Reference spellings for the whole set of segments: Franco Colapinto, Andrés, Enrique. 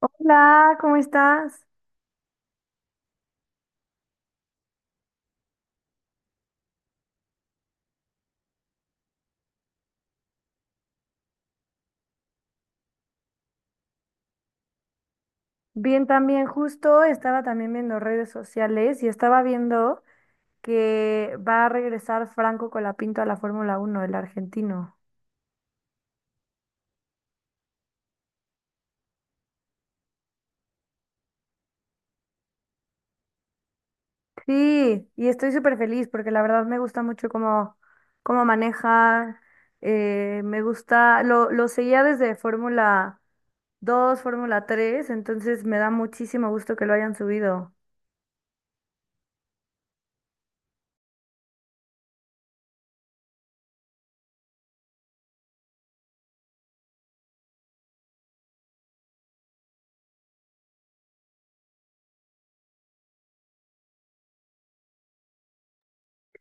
Hola, ¿cómo estás? Bien, también justo estaba también viendo redes sociales y estaba viendo que va a regresar Franco Colapinto a la Fórmula 1, el argentino. Sí, y estoy súper feliz porque la verdad me gusta mucho cómo maneja, me gusta, lo seguía desde Fórmula 2, Fórmula 3, entonces me da muchísimo gusto que lo hayan subido.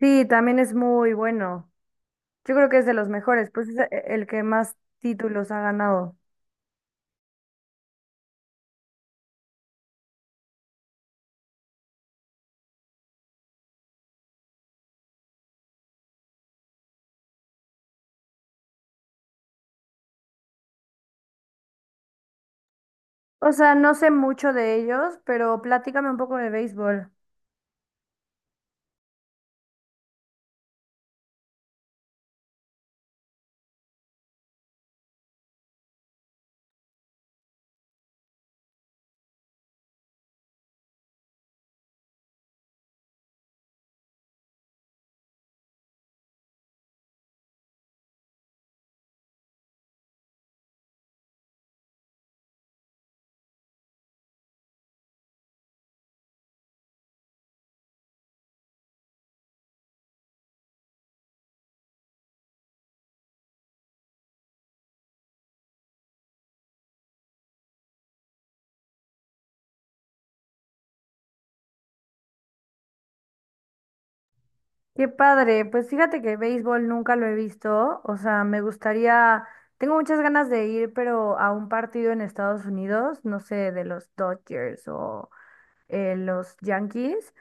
Sí, también es muy bueno. Yo creo que es de los mejores, pues es el que más títulos ha ganado. O sea, no sé mucho de ellos, pero platícame un poco de béisbol. Qué padre, pues fíjate que béisbol nunca lo he visto, o sea, me gustaría, tengo muchas ganas de ir, pero a un partido en Estados Unidos, no sé, de los Dodgers o los Yankees,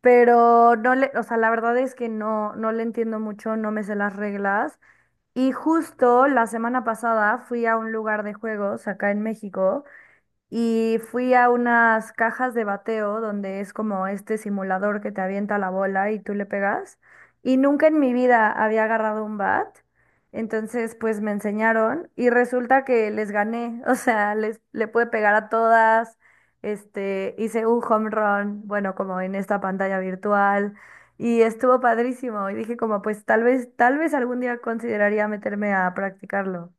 pero no le, o sea, la verdad es que no, no le entiendo mucho, no me sé las reglas. Y justo la semana pasada fui a un lugar de juegos acá en México, y fui a unas cajas de bateo donde es como este simulador que te avienta la bola y tú le pegas. Y nunca en mi vida había agarrado un bat. Entonces, pues me enseñaron y resulta que les gané. O sea, le pude pegar a todas. Este, hice un home run, bueno, como en esta pantalla virtual. Y estuvo padrísimo. Y dije como, pues tal vez algún día consideraría meterme a practicarlo.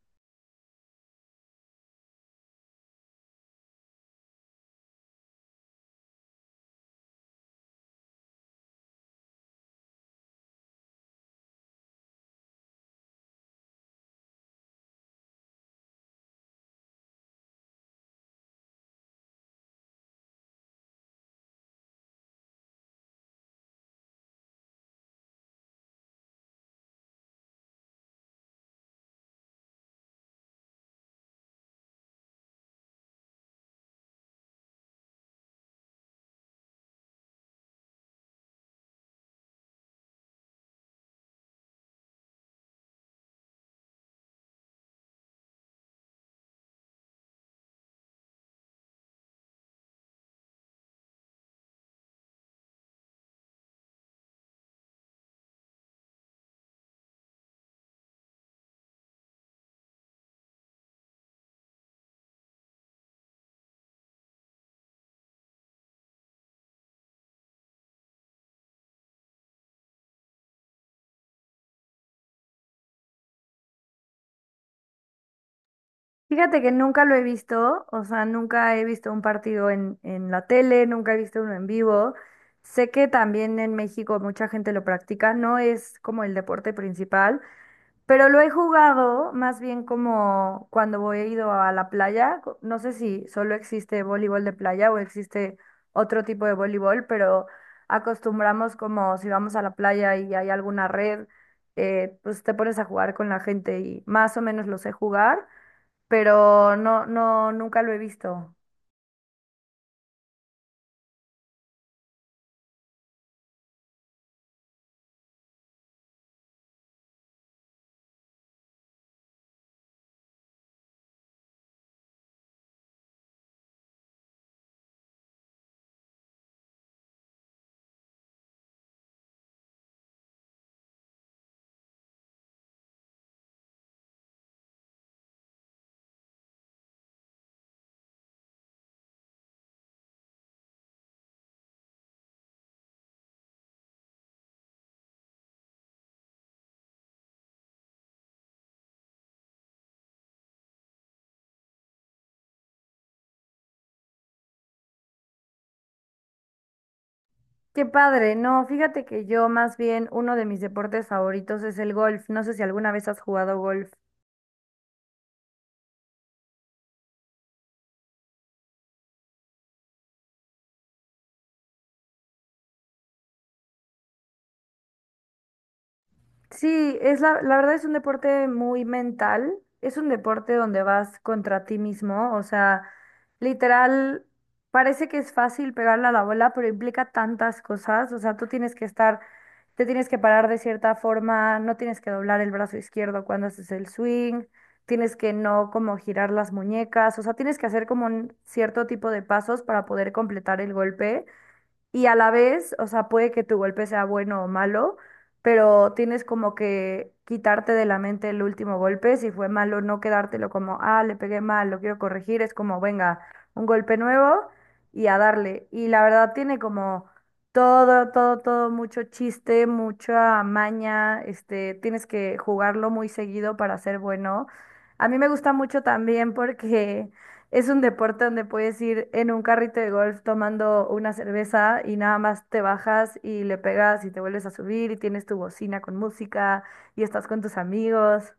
Fíjate que nunca lo he visto, o sea, nunca he visto un partido en la tele, nunca he visto uno en vivo. Sé que también en México mucha gente lo practica, no es como el deporte principal, pero lo he jugado más bien como cuando he ido a la playa. No sé si solo existe voleibol de playa o existe otro tipo de voleibol, pero acostumbramos como si vamos a la playa y hay alguna red, pues te pones a jugar con la gente y más o menos lo sé jugar, pero nunca lo he visto. Qué padre, no, fíjate que yo más bien uno de mis deportes favoritos es el golf. No sé si alguna vez has jugado golf. Sí, es la verdad es un deporte muy mental, es un deporte donde vas contra ti mismo, o sea, literal, parece que es fácil pegarle a la bola, pero implica tantas cosas, o sea, tú tienes que estar, te tienes que parar de cierta forma, no tienes que doblar el brazo izquierdo cuando haces el swing, tienes que no como girar las muñecas, o sea, tienes que hacer como un cierto tipo de pasos para poder completar el golpe y a la vez, o sea, puede que tu golpe sea bueno o malo, pero tienes como que quitarte de la mente el último golpe, si fue malo, no quedártelo como, ah, le pegué mal, lo quiero corregir, es como, venga, un golpe nuevo y a darle. Y la verdad tiene como todo, mucho chiste, mucha maña, este, tienes que jugarlo muy seguido para ser bueno. A mí me gusta mucho también porque... Es un deporte donde puedes ir en un carrito de golf tomando una cerveza y nada más te bajas y le pegas y te vuelves a subir y tienes tu bocina con música y estás con tus amigos.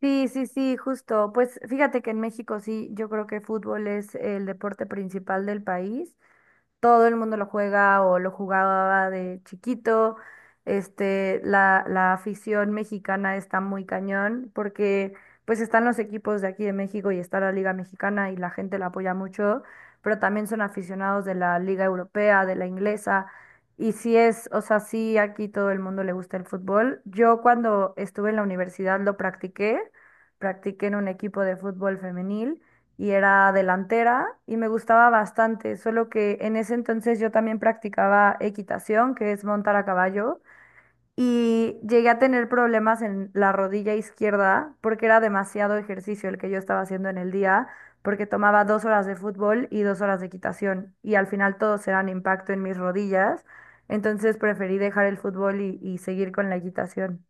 Sí, justo. Pues fíjate que en México sí, yo creo que fútbol es el deporte principal del país, todo el mundo lo juega o lo jugaba de chiquito. Este, la afición mexicana está muy cañón porque pues están los equipos de aquí de México y está la Liga Mexicana y la gente la apoya mucho, pero también son aficionados de la Liga Europea, de la inglesa. Y sí es, o sea, sí aquí todo el mundo le gusta el fútbol. Yo cuando estuve en la universidad lo practiqué, practiqué en un equipo de fútbol femenil y era delantera y me gustaba bastante, solo que en ese entonces yo también practicaba equitación, que es montar a caballo, y llegué a tener problemas en la rodilla izquierda porque era demasiado ejercicio el que yo estaba haciendo en el día, porque tomaba 2 horas de fútbol y 2 horas de equitación, y al final todos eran impacto en mis rodillas, entonces preferí dejar el fútbol y seguir con la equitación.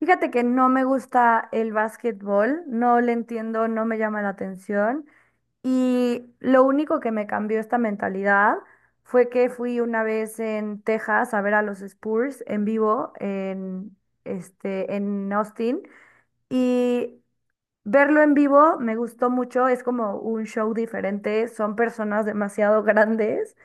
Fíjate que no me gusta el básquetbol, no le entiendo, no me llama la atención. Y lo único que me cambió esta mentalidad fue que fui una vez en Texas a ver a los Spurs en vivo en, este, en Austin. Y verlo en vivo me gustó mucho, es como un show diferente, son personas demasiado grandes,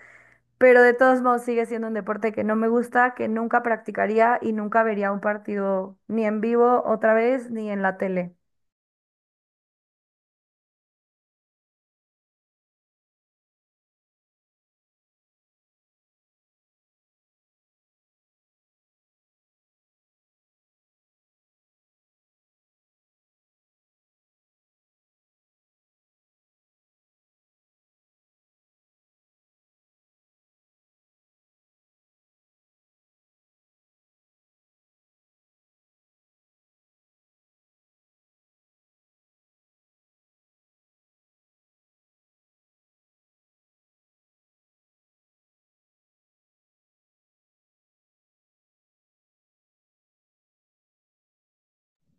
pero de todos modos sigue siendo un deporte que no me gusta, que nunca practicaría y nunca vería un partido ni en vivo otra vez ni en la tele.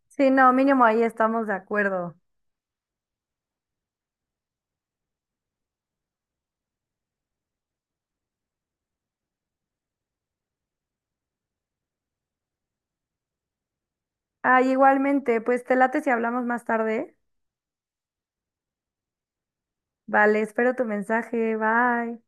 Sí, no, mínimo ahí estamos de acuerdo. Ah, igualmente, pues te late si hablamos más tarde. Vale, espero tu mensaje. Bye.